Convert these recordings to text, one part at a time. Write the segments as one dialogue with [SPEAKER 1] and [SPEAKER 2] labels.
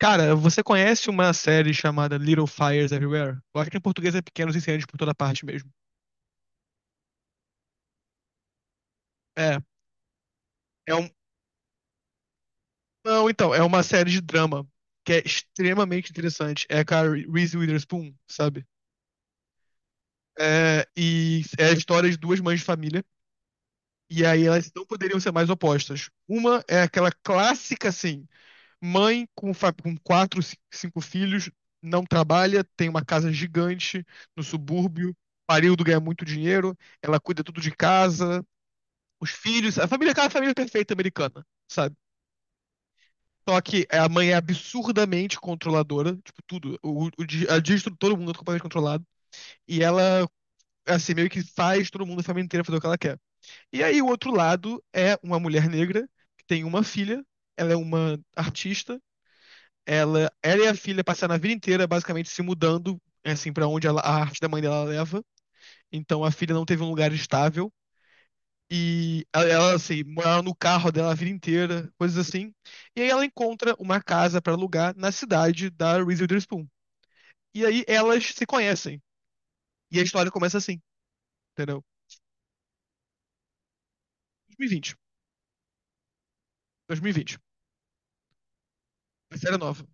[SPEAKER 1] Cara, você conhece uma série chamada Little Fires Everywhere? Eu acho que em português é Pequenos Incêndios por toda parte mesmo. É, é um. Não, então, é uma série de drama que é extremamente interessante. É com a Reese Witherspoon, sabe? É, e é a história de duas mães de família. E aí elas não poderiam ser mais opostas. Uma é aquela clássica, assim, mãe com, com quatro, cinco filhos, não trabalha, tem uma casa gigante no subúrbio, pariu do ganhar muito dinheiro, ela cuida tudo de casa, os filhos, a família, aquela família perfeita americana, sabe? Só que é, a mãe é absurdamente controladora, tipo, tudo. A distro, todo mundo é completamente controlado. E ela, assim, meio que faz todo mundo, a família inteira, fazer o que ela quer. E aí, o outro lado é uma mulher negra, que tem uma filha, ela é uma artista, ela e a filha passaram a vida inteira, basicamente, se mudando, assim, pra onde a arte da mãe dela leva. Então, a filha não teve um lugar estável. E ela, assim, morava no carro dela a vida inteira, coisas assim. E aí ela encontra uma casa pra alugar na cidade da Reese Witherspoon. E aí elas se conhecem. E a história começa assim, entendeu? 2020. 2020. A série é nova.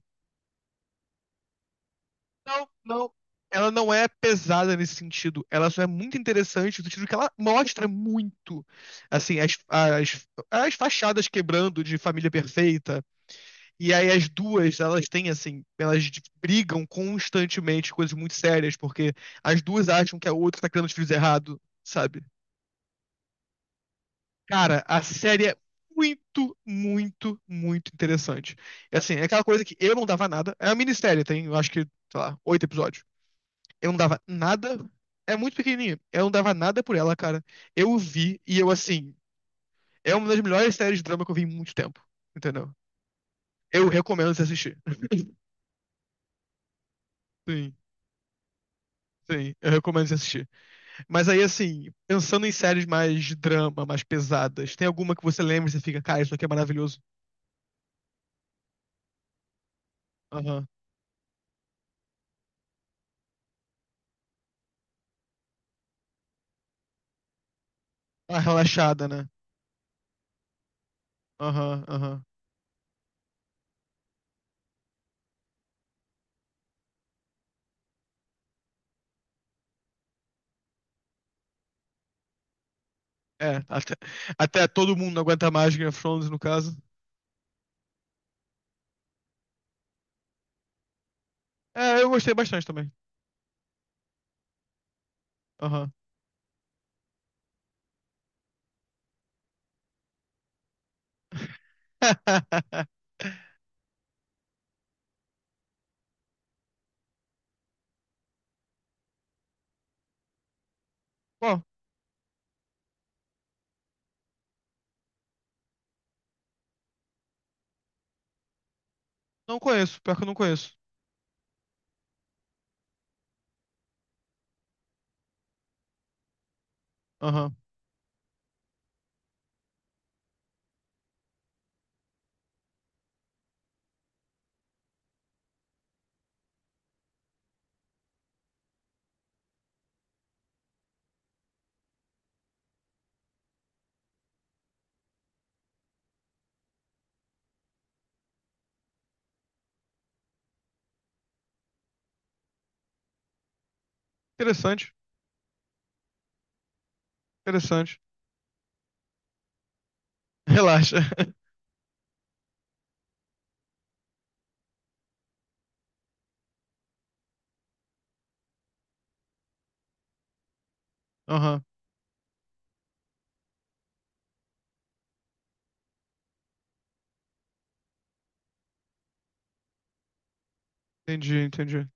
[SPEAKER 1] Não, não. Ela não é pesada nesse sentido. Ela só é muito interessante no sentido que ela mostra muito, assim, as fachadas quebrando de família perfeita. E aí as duas, elas têm assim, elas brigam constantemente, coisas muito sérias, porque as duas acham que a outra tá criando os filhos errado, sabe? Cara, a série é muito, muito, muito interessante. É assim, é aquela coisa que eu não dava nada. É uma minissérie, tem, eu acho que, sei lá, oito episódios. Eu não dava nada. É muito pequenininha. Eu não dava nada por ela, cara. Eu vi e eu, assim, é uma das melhores séries de drama que eu vi em muito tempo, entendeu? Eu recomendo você assistir. Sim, sim, eu recomendo você assistir. Mas aí, assim, pensando em séries mais de drama, mais pesadas, tem alguma que você lembra e você fica, cara, isso aqui é maravilhoso? Aham. Ah, relaxada, né? Aham, aham. É, até todo mundo não aguenta mais Game of Thrones, no caso. É, eu gostei bastante também. Aham. Bom, não conheço, pior que eu não conheço. Aham. Interessante, interessante. Relaxa. Aham, entendi, entendi.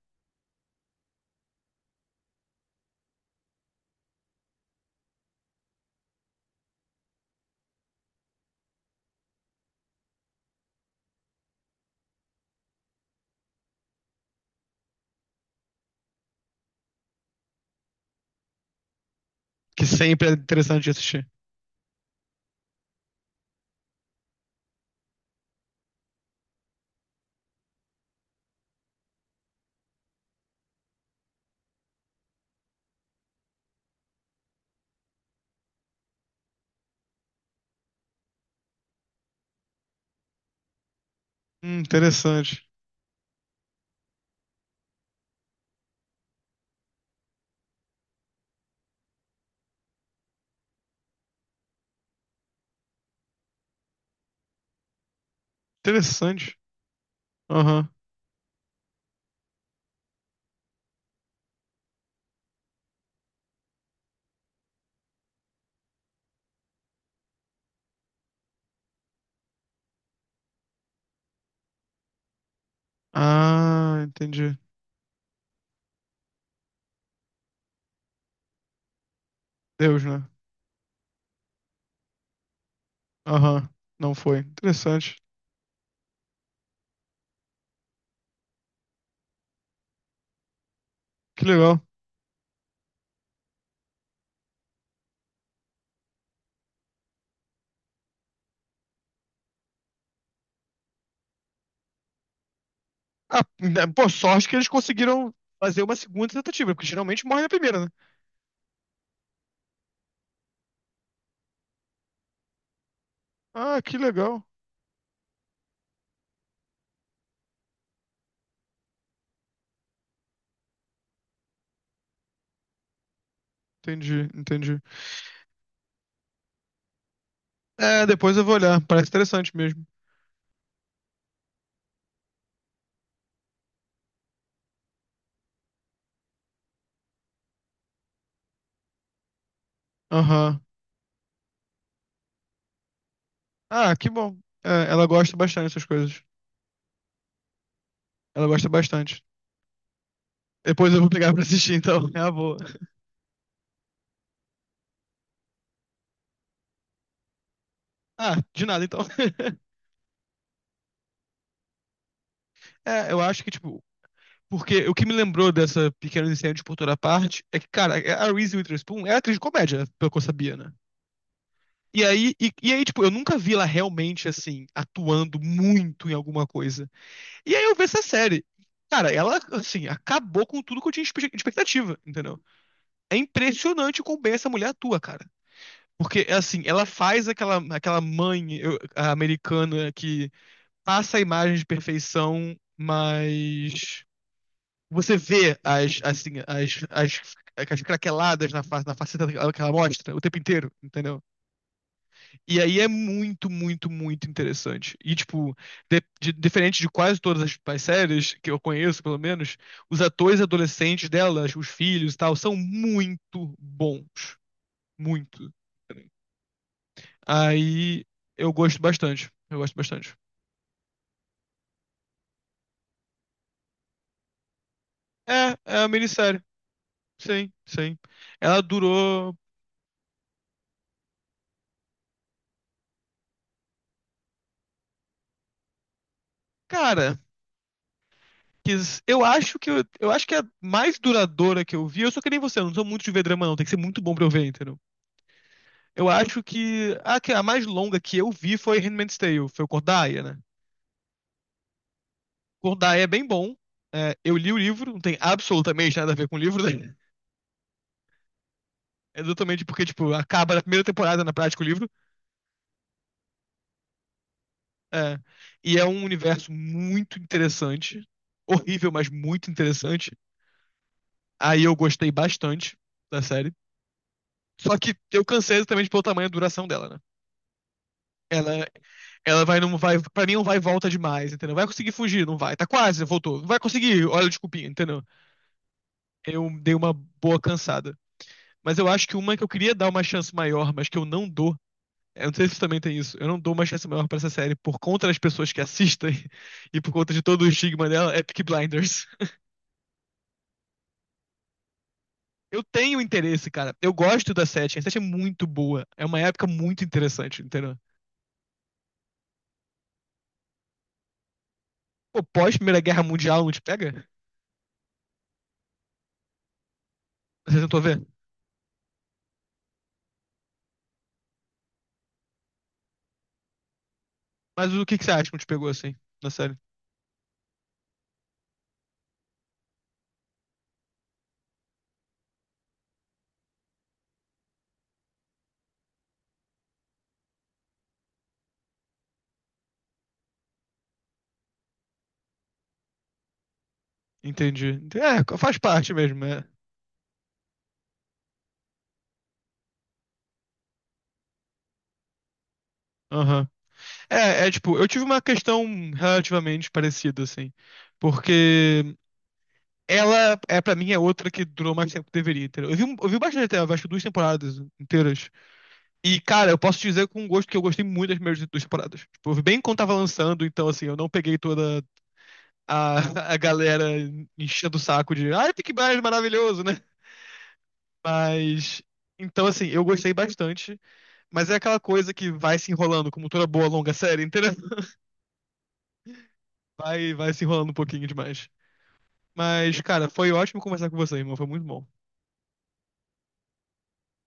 [SPEAKER 1] Que sempre é interessante de assistir. Interessante. Interessante. Aham. Ah, entendi. Deus, né? Aham, não foi. Interessante. Que legal. Ah, né, pô, sorte que eles conseguiram fazer uma segunda tentativa, porque geralmente morre na primeira, né? Ah, que legal. Entendi, entendi. É, depois eu vou olhar. Parece interessante mesmo. Aham. Ah, que bom. É, ela gosta bastante dessas coisas. Ela gosta bastante. Depois eu vou pegar pra assistir, então. É uma boa. Ah, de nada, então. É, eu acho que, tipo, porque o que me lembrou dessa pequena incêndio por toda parte é que, cara, a Reese Witherspoon é atriz de comédia, pelo que eu sabia, né? E aí, tipo, eu nunca vi ela realmente, assim, atuando muito em alguma coisa. E aí eu vi essa série. Cara, ela, assim, acabou com tudo que eu tinha expectativa, entendeu? É impressionante como bem essa mulher atua, cara. Porque, assim, ela faz aquela, mãe a americana que passa a imagem de perfeição, mas você vê as, assim, as craqueladas na face, na faceta que ela mostra o tempo inteiro, entendeu? E aí é muito, muito, muito interessante. E, tipo, diferente de quase todas as séries que eu conheço, pelo menos, os atores adolescentes delas, os filhos e tal, são muito bons. Muito. Aí eu gosto bastante. Eu gosto bastante. É uma minissérie. Sim, sim. Ela durou. Cara, eu acho que é a mais duradoura que eu vi. Eu sou que nem você, eu não sou muito de ver drama, não. Tem que ser muito bom pra eu ver, entendeu? Eu acho que a mais longa que eu vi foi Handmaid's Tale, foi o Cordaia, né? Cordaia é bem bom. É, eu li o livro, não tem absolutamente nada a ver com o livro, né? É totalmente porque, tipo, acaba na primeira temporada, na prática, o livro. É, e é um universo muito interessante. Horrível, mas muito interessante. Aí eu gostei bastante da série. Só que eu cansei exatamente pelo tamanho e duração dela, né? Ela, ela vai, não vai, pra mim não vai e volta demais, entendeu? Vai conseguir fugir, não vai. Tá quase, voltou. Não vai conseguir, olha, desculpinha, entendeu? Eu dei uma boa cansada. Mas eu acho que uma que eu queria dar uma chance maior, mas que eu não dou. Eu não sei se você também tem isso. Eu não dou uma chance maior pra essa série por conta das pessoas que assistem e por conta de todo o estigma dela, é Peaky Blinders. Eu tenho interesse, cara. Eu gosto da sete. A sete é muito boa. É uma época muito interessante, entendeu? Pô, pós Primeira Guerra Mundial não te pega? Você tentou ver? Mas o que que você acha que não te pegou assim, na série? Entendi. É, faz parte mesmo, é. Aham. É, tipo, eu tive uma questão relativamente parecida, assim. Porque ela, é pra mim, é outra que durou mais tempo que deveria, entendeu? Eu vi bastante até, eu acho que duas temporadas inteiras. E, cara, eu posso te dizer com gosto que eu gostei muito das primeiras duas temporadas. Tipo, eu vi bem quando tava lançando, então, assim, eu não peguei toda a, a galera enchendo o saco de, ai, Peaky Blinders é maravilhoso, né? Mas. Então, assim, eu gostei bastante, mas é aquela coisa que vai se enrolando, como toda boa longa série, entendeu? Vai se enrolando um pouquinho demais. Mas, cara, foi ótimo conversar com você, irmão. Foi muito bom.